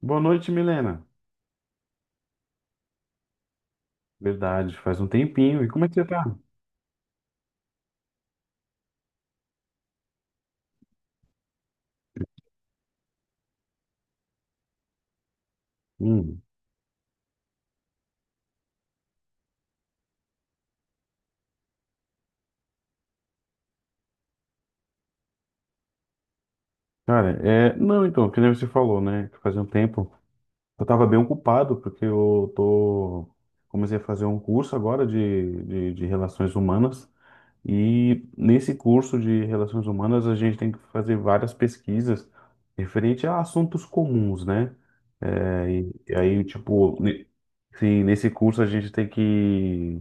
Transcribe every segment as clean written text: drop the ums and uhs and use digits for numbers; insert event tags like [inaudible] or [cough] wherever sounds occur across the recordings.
Boa noite, Milena. Verdade, faz um tempinho. E como é que você tá? Hum, cara, é. Não, então, que nem você falou, né? que Faz um tempo. Eu tava bem ocupado, porque eu tô. Comecei a fazer um curso agora de relações humanas. E nesse curso de relações humanas, a gente tem que fazer várias pesquisas referente a assuntos comuns, né? É, e, e aí, tipo, ne- sim, nesse curso a gente tem que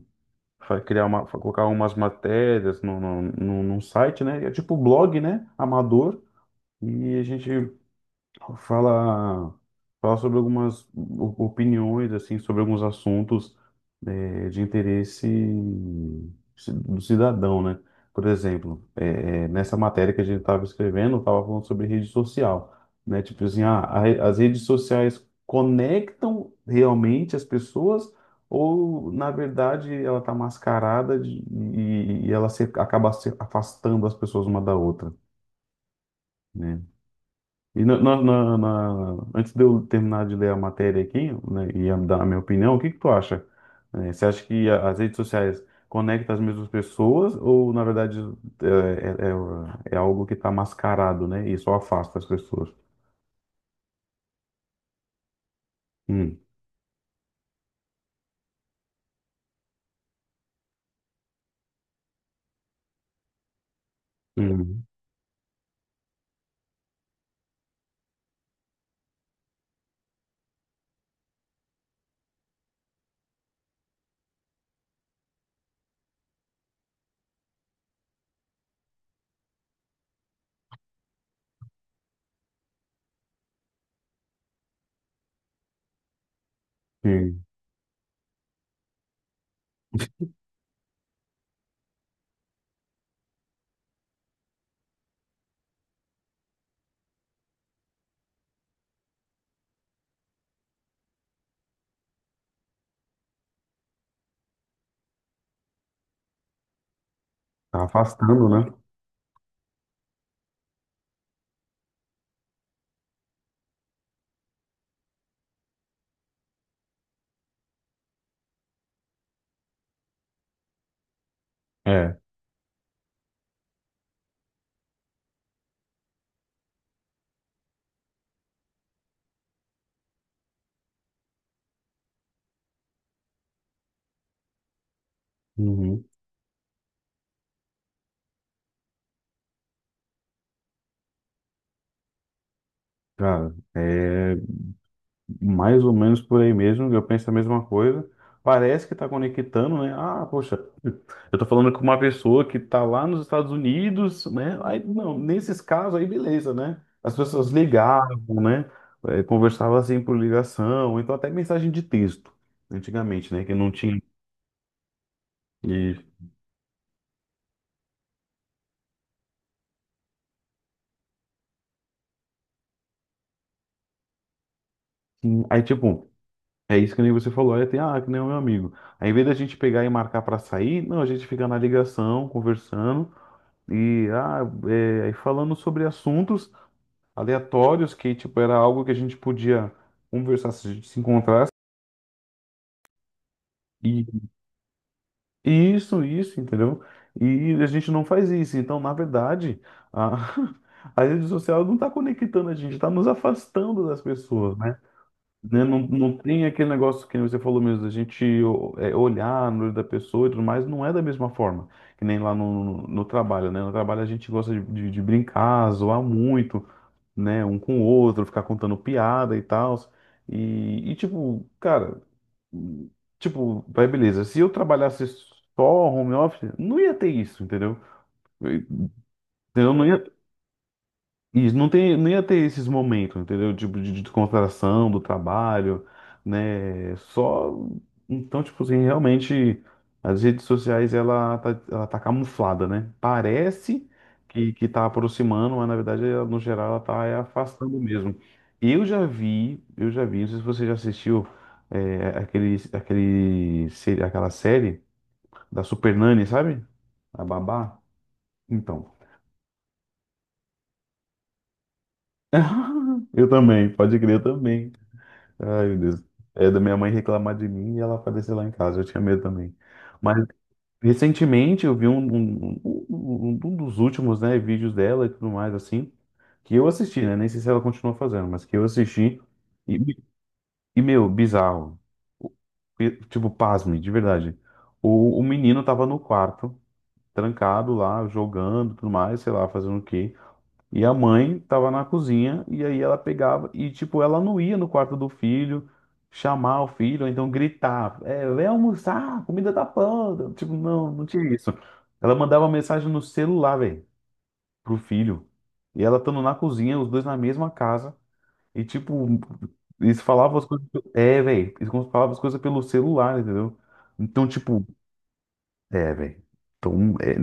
criar uma, colocar umas matérias no, no, no, num site, né? É tipo blog, né? Amador. E a gente Fala, fala sobre algumas opiniões, assim, sobre alguns assuntos de interesse do cidadão, né? Por exemplo, nessa matéria que a gente estava escrevendo, estava falando sobre rede social, né? Tipo assim, ah, as redes sociais conectam realmente as pessoas ou, na verdade, ela está mascarada e ela se, acaba se afastando as pessoas uma da outra, né? E antes de eu terminar de ler a matéria aqui, né, e dar a minha opinião, o que que tu acha? Você acha que as redes sociais conectam as mesmas pessoas ou, na verdade, é, é- é algo que está mascarado, né? E só afasta as pessoas? Hum, hum, sim. Tá afastando, né? É. Uhum. Cara, é. Mais ou menos por aí mesmo, eu penso a mesma coisa. Parece que está conectando, né? Ah, poxa, eu tô falando com uma pessoa que tá lá nos Estados Unidos, né? Aí, não, nesses casos aí, beleza, né? As pessoas ligavam, né? Conversavam assim por ligação, então até mensagem de texto, antigamente, né? Que não tinha. E, sim, aí, tipo, é isso que nem você falou, aí tem, ah, que nem o meu amigo. Aí, em vez da gente pegar e marcar para sair, não, a gente fica na ligação, conversando. E ah, é, aí falando sobre assuntos aleatórios, que tipo, era algo que a gente podia conversar se a gente se encontrasse. E isso, entendeu? E a gente não faz isso. Então, na verdade, a, [laughs] a rede social não está conectando a gente, está nos afastando das pessoas, né? Né? Não, não tem aquele negócio que você falou mesmo, da gente é, olhar no olho da pessoa e tudo mais, não é da mesma forma. Que nem lá no trabalho, né? No trabalho a gente gosta de brincar, zoar muito. Né, um com o outro, ficar contando piada e tal. Tipo, cara, tipo, vai beleza. Se eu trabalhasse só home office, não ia ter isso, entendeu? Entendeu? Não ia- isso, não tem, não ia ter esses momentos, entendeu? Tipo, de descontração do trabalho, né? Só. Então, tipo assim, realmente, as redes sociais, ela tá camuflada, né? Parece que tá aproximando, mas na verdade, ela, no geral, ela tá é, afastando mesmo. Eu já vi, não sei se você já assistiu é, aquele, aquele, se- aquela série da Super Nanny, sabe? A Babá. Então. [laughs] Eu também, pode crer eu também. Ai, meu Deus. É da minha mãe reclamar de mim e ela aparecer lá em casa. Eu tinha medo também. Mas recentemente eu vi um dos últimos, né, vídeos dela e tudo mais, assim, que eu assisti, né? Nem sei se ela continua fazendo, mas que eu assisti. E, e meu, bizarro. O- Tipo, pasme, de verdade. O menino tava no quarto, trancado lá, jogando, tudo mais, sei lá, fazendo o quê. E a mãe tava na cozinha e aí ela pegava e tipo ela não ia no quarto do filho chamar o filho, ou então gritar, é, vem almoçar, a comida tá pronta. Tipo, não, não tinha isso. Ela mandava mensagem no celular, velho, pro filho. E ela estando na cozinha, os dois na mesma casa e tipo eles falavam as coisas, é, velho, eles falavam as coisas pelo celular, entendeu? Então, tipo, é, velho. Então, é,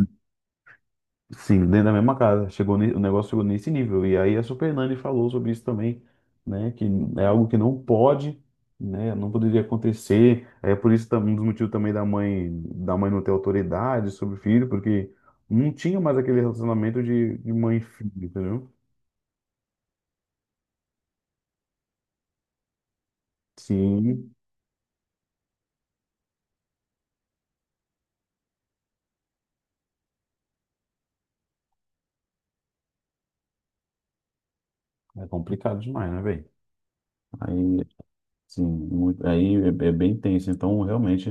sim, dentro da mesma casa. Chegou, o negócio chegou nesse nível. E aí a Super Nani falou sobre isso também, né? Que é algo que não pode, né? Não poderia acontecer. É por isso também um dos motivos também da mãe não ter autoridade sobre o filho, porque não tinha mais aquele relacionamento de mãe e filho, entendeu? Sim, é complicado demais, né, velho? Aí sim, muito, aí é, é bem tenso. Então, realmente,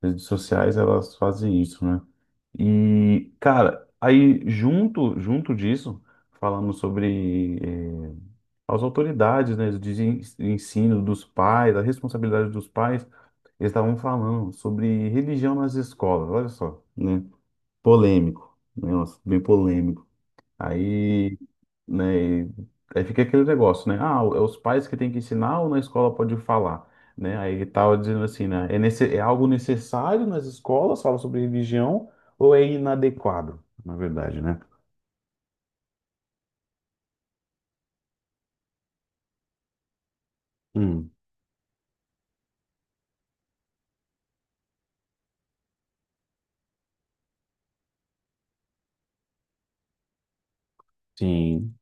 as redes sociais elas fazem isso, né? E, cara, junto disso, falamos sobre eh, as autoridades, né, de ensino dos pais, a responsabilidade dos pais. Eles estavam falando sobre religião nas escolas. Olha só, né? Polêmico, né? Nossa, bem polêmico. Aí, né, aí fica aquele negócio, né? Ah, é os pais que têm que ensinar ou na escola pode falar, né? Aí ele tava dizendo assim, né? É, nesse, é algo necessário nas escolas falar sobre religião ou é inadequado, na verdade, né? Hum, sim.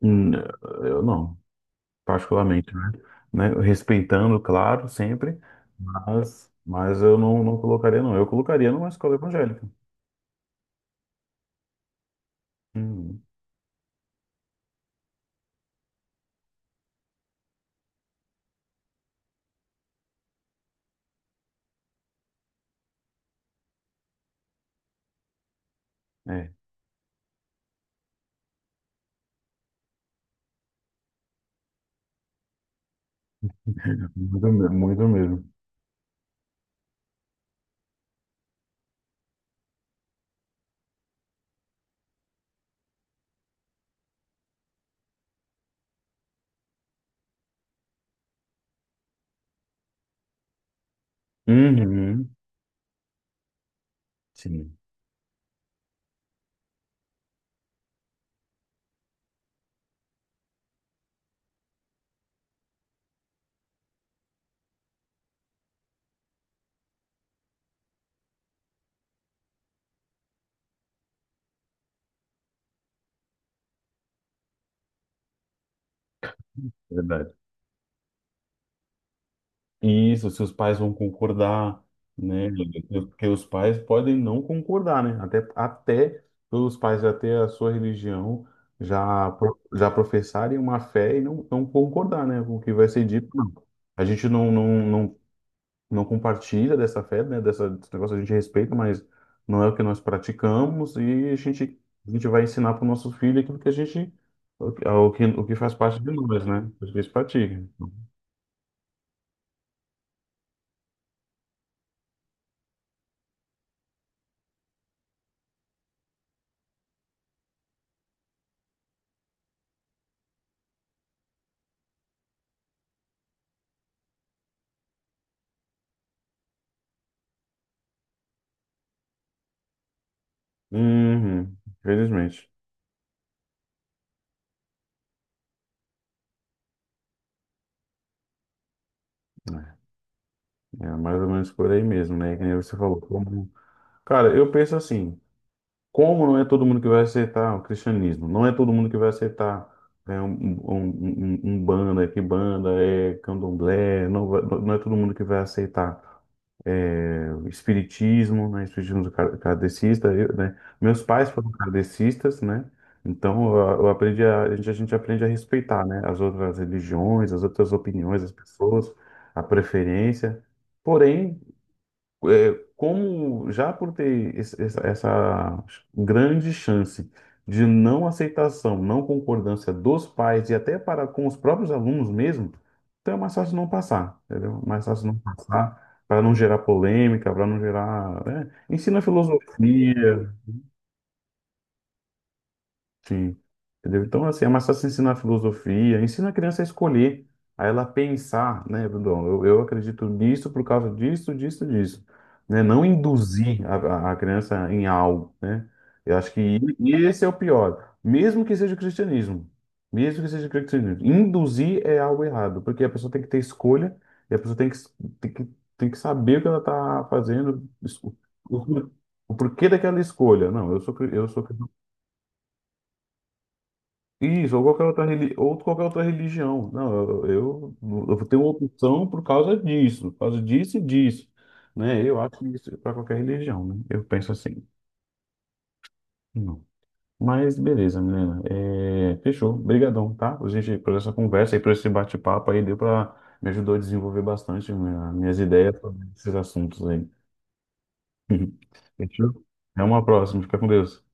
Hum, eu não, particularmente, né? Né, respeitando, claro, sempre, mas eu não, não colocaria, não. Eu colocaria numa escola evangélica. Hum, é, [laughs] muito, muito mesmo. Uhum, sim. Verdade. E isso, seus pais vão concordar, né? Porque os pais podem não concordar, né? Até, até os pais já ter a sua religião, já, já professarem uma fé e não, não concordar, né? Com o que vai ser dito, não. A gente não compartilha dessa fé, né? Dessa, desse negócio a gente respeita, mas não é o que nós praticamos e a gente vai ensinar para o nosso filho aquilo que a gente, o, o que faz parte de nós, né? O que eles praticam. Uhum, infelizmente. É, é mais ou menos por aí mesmo, né? Que nem você falou. Como... Cara, eu penso assim, como não é todo mundo que vai aceitar o cristianismo? Não é todo mundo que vai aceitar né, um banda, que banda é candomblé, não, não é todo mundo que vai aceitar é, o espiritismo, né, espiritismo kardecista, eu, né, meus pais foram kardecistas, né, então eu aprendi a gente aprende a respeitar, né, as outras religiões, as outras opiniões as pessoas, a preferência, é, como já por ter essa, essa grande chance de não aceitação, não concordância dos pais e até para com os próprios alunos mesmo, então é mais fácil não passar, entendeu? É mais fácil não passar para não gerar polêmica, para não gerar, né? Ensina filosofia, sim. Entendeu? Então, assim, é mais fácil ensinar filosofia, ensina a criança a escolher, a ela pensar, né, Bruno? Eu acredito nisso por causa disso. Né? Não induzir a criança em algo, né? Eu acho que esse é o pior. Mesmo que seja o cristianismo. Mesmo que seja o cristianismo. Induzir é algo errado, porque a pessoa tem que ter escolha e a pessoa tem tem que, tem que saber o que ela está fazendo, o, o o porquê daquela escolha. Não, eu sou isso, ou qualquer outra, ou qualquer outra religião. Não, eu, eu, eu tenho opção por causa disso e disso, né? Eu acho isso para qualquer religião, né? Eu penso assim. Não. Mas beleza, Milena. É, fechou. Obrigadão, tá? Por, gente, por essa conversa e por esse bate-papo aí, deu para me ajudou a desenvolver bastante minhas ideias sobre esses assuntos aí. [laughs] Fechou? Até uma próxima. Fica com Deus.